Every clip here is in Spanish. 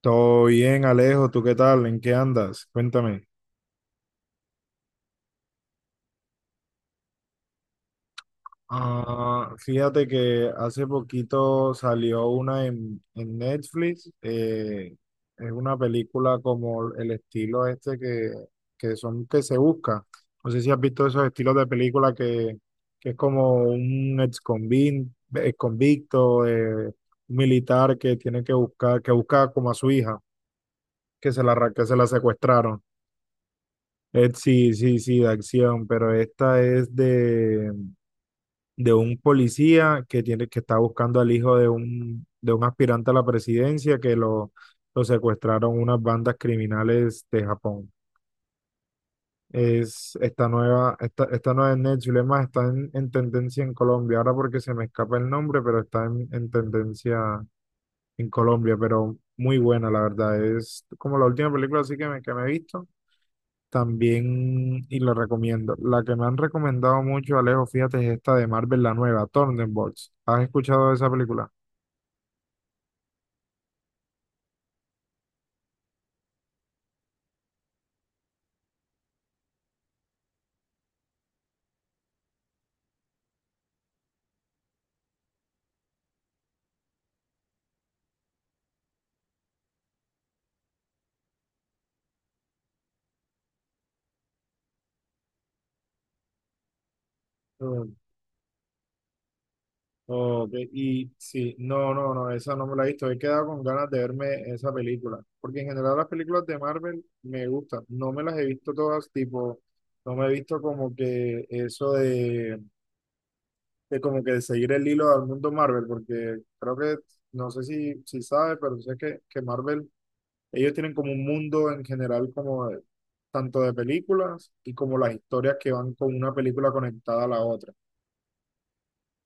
Todo bien, Alejo, ¿tú qué tal? ¿En qué andas? Cuéntame. Ah, fíjate que hace poquito salió una en Netflix. Es una película como el estilo que son que se busca. No sé si has visto esos estilos de que es como un ex convicto, un militar que tiene que buscar, que busca como a su hija, que que se la secuestraron. Sí, sí, sí, de acción, pero esta es de un policía que que está buscando al hijo de de un aspirante a la presidencia que lo secuestraron unas bandas criminales de Japón. Es esta nueva, esta nueva en Netflix, es más, está en tendencia en Colombia, ahora porque se me escapa el nombre, pero está en tendencia en Colombia, pero muy buena, la verdad. Es como la última película así que me he visto. También, y lo recomiendo, la que me han recomendado mucho, Alejo, fíjate, es esta de Marvel, la nueva, Thunderbolts. ¿Has escuchado de esa película? Mm, ok, y sí, no, no, no, esa no me la he visto. He quedado con ganas de verme esa película, porque en general las películas de Marvel me gustan. No me las he visto todas, tipo, no me he visto como que eso de como que seguir el hilo del mundo Marvel, porque creo no sé si sabes, pero sé que Marvel, ellos tienen como un mundo en general tanto de películas y como las historias que van con una película conectada a la otra.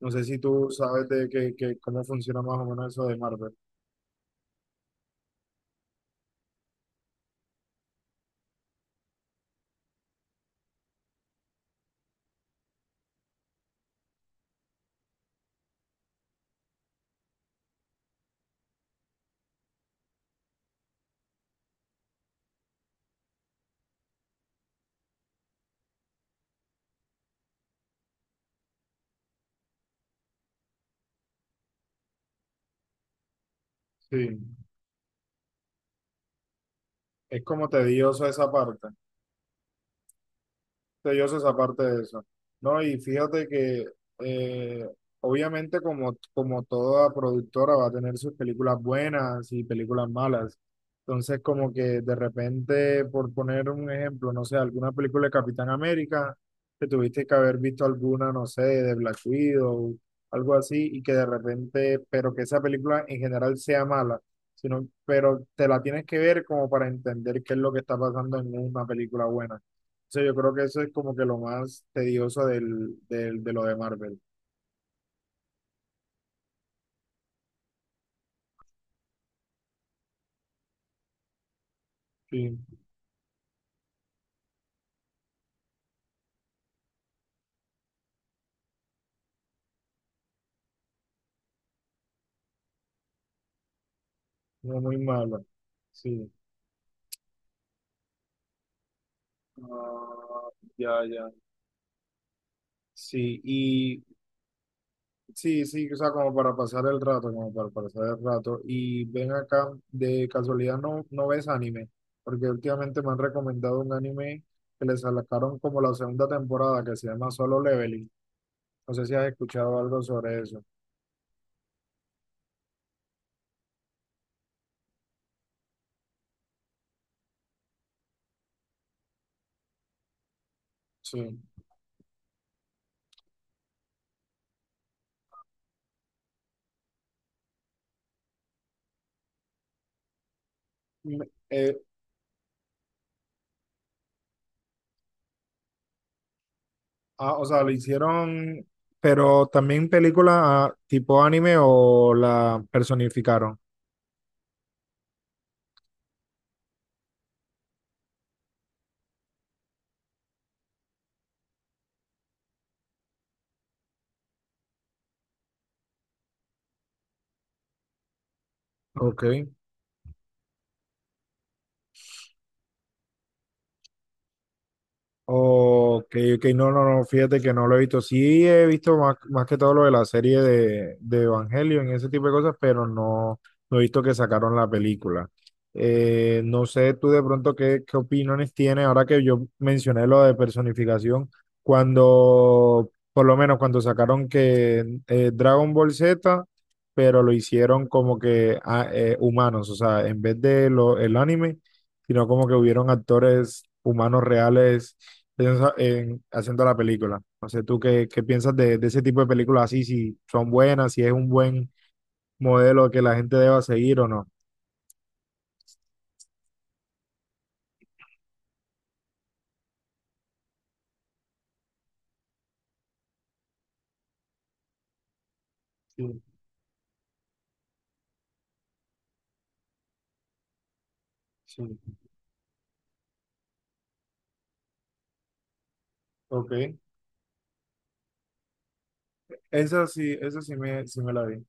No sé si tú sabes de cómo funciona más o menos eso de Marvel. Sí, es como tedioso esa parte. Sellosa esa parte de eso. No, y fíjate que eh, obviamente como toda productora va a tener sus películas buenas y películas malas. Entonces como que de repente, por poner un ejemplo, no sé, alguna película de Capitán América, que tuviste que haber visto alguna, no sé, de Black Widow, algo así, y que de repente, pero que esa película en general sea mala, sino, pero te la tienes que ver como para entender qué es lo que está pasando en una película buena, sea, yo creo que eso es como que lo más tedioso de lo de Marvel. Sí, no muy malo. Sí. Ah, ya, ya. Sí, y sí, sí, o sea, como para pasar el rato, como para pasar el rato. Y ven acá, de casualidad no, no ves anime, porque últimamente me han recomendado un anime que les sacaron como la segunda temporada que se llama Solo Leveling. No sé si has escuchado algo sobre eso. Sí. Me- eh, Ah, o sea, lo hicieron, pero también película, ah, tipo anime o la personificaron. Ok. Ok, ok, no, no, no, fíjate que no lo he visto. Sí he visto más, más que todo lo de la serie de Evangelion y ese tipo de cosas, pero no, no he visto que sacaron la película. No sé tú de pronto qué opiniones tienes ahora que yo mencioné lo de personificación, cuando, por lo menos cuando sacaron que Dragon Ball Z, pero lo hicieron como que ah, humanos, o sea, en vez de lo, el anime, sino como que hubieron actores humanos reales piensa en haciendo la película. No sé, tú qué piensas de ese tipo de películas así, si son buenas, si es un buen modelo que la gente deba seguir o no. Sí, sí, ok. Esa sí sí me la vi.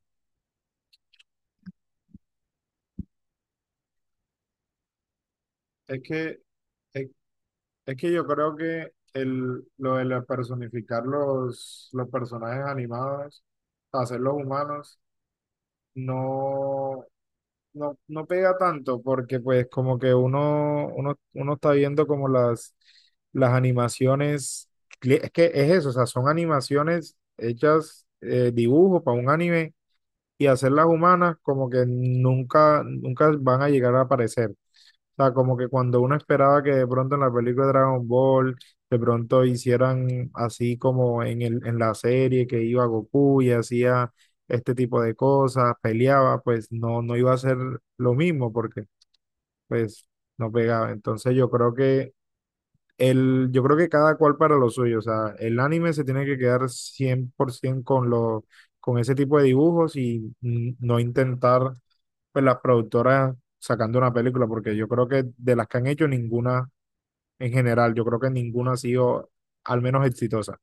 Es que, es, es que yo creo que lo de personificar los personajes animados, hacerlos humanos, no, no, no pega tanto porque pues como que uno está viendo como las animaciones, es que es eso, o sea, son animaciones hechas, dibujo para un anime y hacerlas humanas como que nunca, nunca van a llegar a aparecer. O sea, como que cuando uno esperaba que de pronto en la película de Dragon Ball, de pronto hicieran así como en en la serie que iba Goku y hacía este tipo de cosas, peleaba, pues no, no iba a ser lo mismo porque pues no pegaba. Entonces yo creo que yo creo que cada cual para lo suyo. O sea, el anime se tiene que quedar 100% con ese tipo de dibujos y no intentar pues las productoras sacando una película, porque yo creo que de las que han hecho ninguna en general, yo creo que ninguna ha sido al menos exitosa.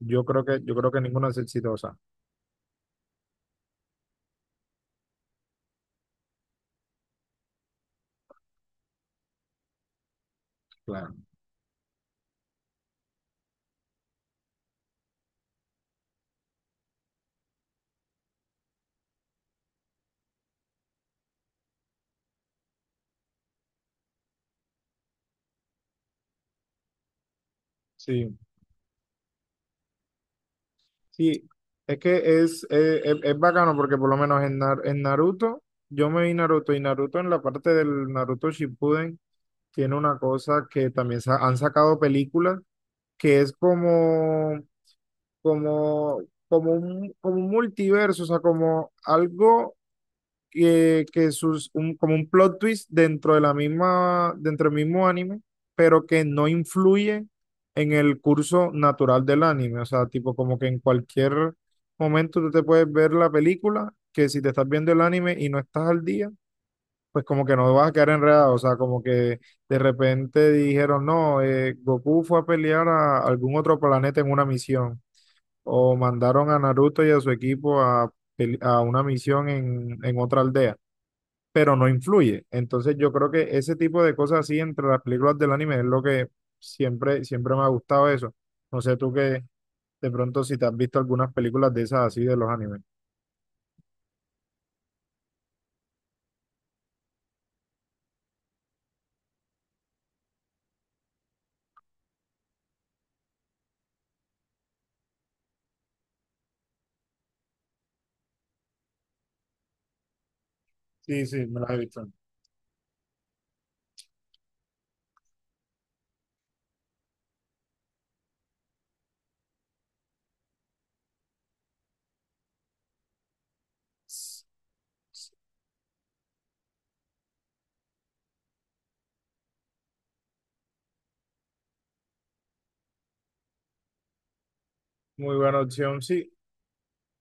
Yo creo yo creo que ninguna es exitosa. Claro. Sí, sí. Es que es bacano porque por lo menos en, en Naruto, yo me vi Naruto, y Naruto en la parte del Naruto Shippuden tiene una cosa que también han sacado películas que es como, como un multiverso, o sea, como algo que sus, como un plot twist dentro de la misma, dentro del mismo anime, pero que no influye en el curso natural del anime. O sea, tipo como que en cualquier momento tú te puedes ver la película, que si te estás viendo el anime y no estás al día, pues como que no vas a quedar enredado. O sea, como que de repente dijeron, no, Goku fue a pelear a algún otro planeta en una misión. O mandaron a Naruto y a su equipo a, a una misión en otra aldea, pero no influye. Entonces yo creo que ese tipo de cosas así entre las películas del anime es lo que siempre, siempre me ha gustado eso. No sé tú que de pronto si te has visto algunas películas de esas así de los animes. Sí, sí, me las he visto. Muy buena opción, sí.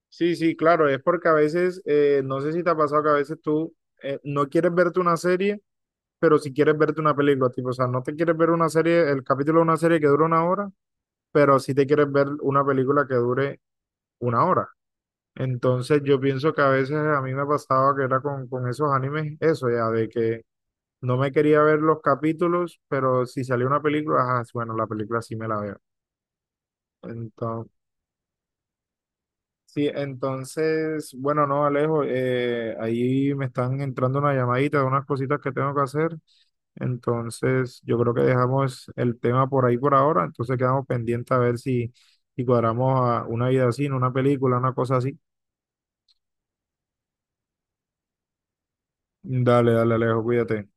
Sí, sí, claro, es porque a veces, no sé si te ha pasado que a veces tú, no quieres verte una serie, pero si quieres verte una película, tipo, o sea, no te quieres ver una serie, el capítulo de una serie que dura una hora, pero sí te quieres ver una película que dure una hora. Entonces yo pienso que a veces a mí me pasaba que era con esos animes, eso ya, de que no me quería ver los capítulos, pero si salía una película, ajá, sí, bueno, la película sí me la veo. Entonces, sí, entonces, bueno, no, Alejo, ahí me están entrando una llamadita de unas cositas que tengo que hacer. Entonces yo creo que dejamos el tema por ahí por ahora, entonces quedamos pendientes a ver si, si cuadramos a una vida así, no una película, una cosa así. Dale, dale, Alejo, cuídate.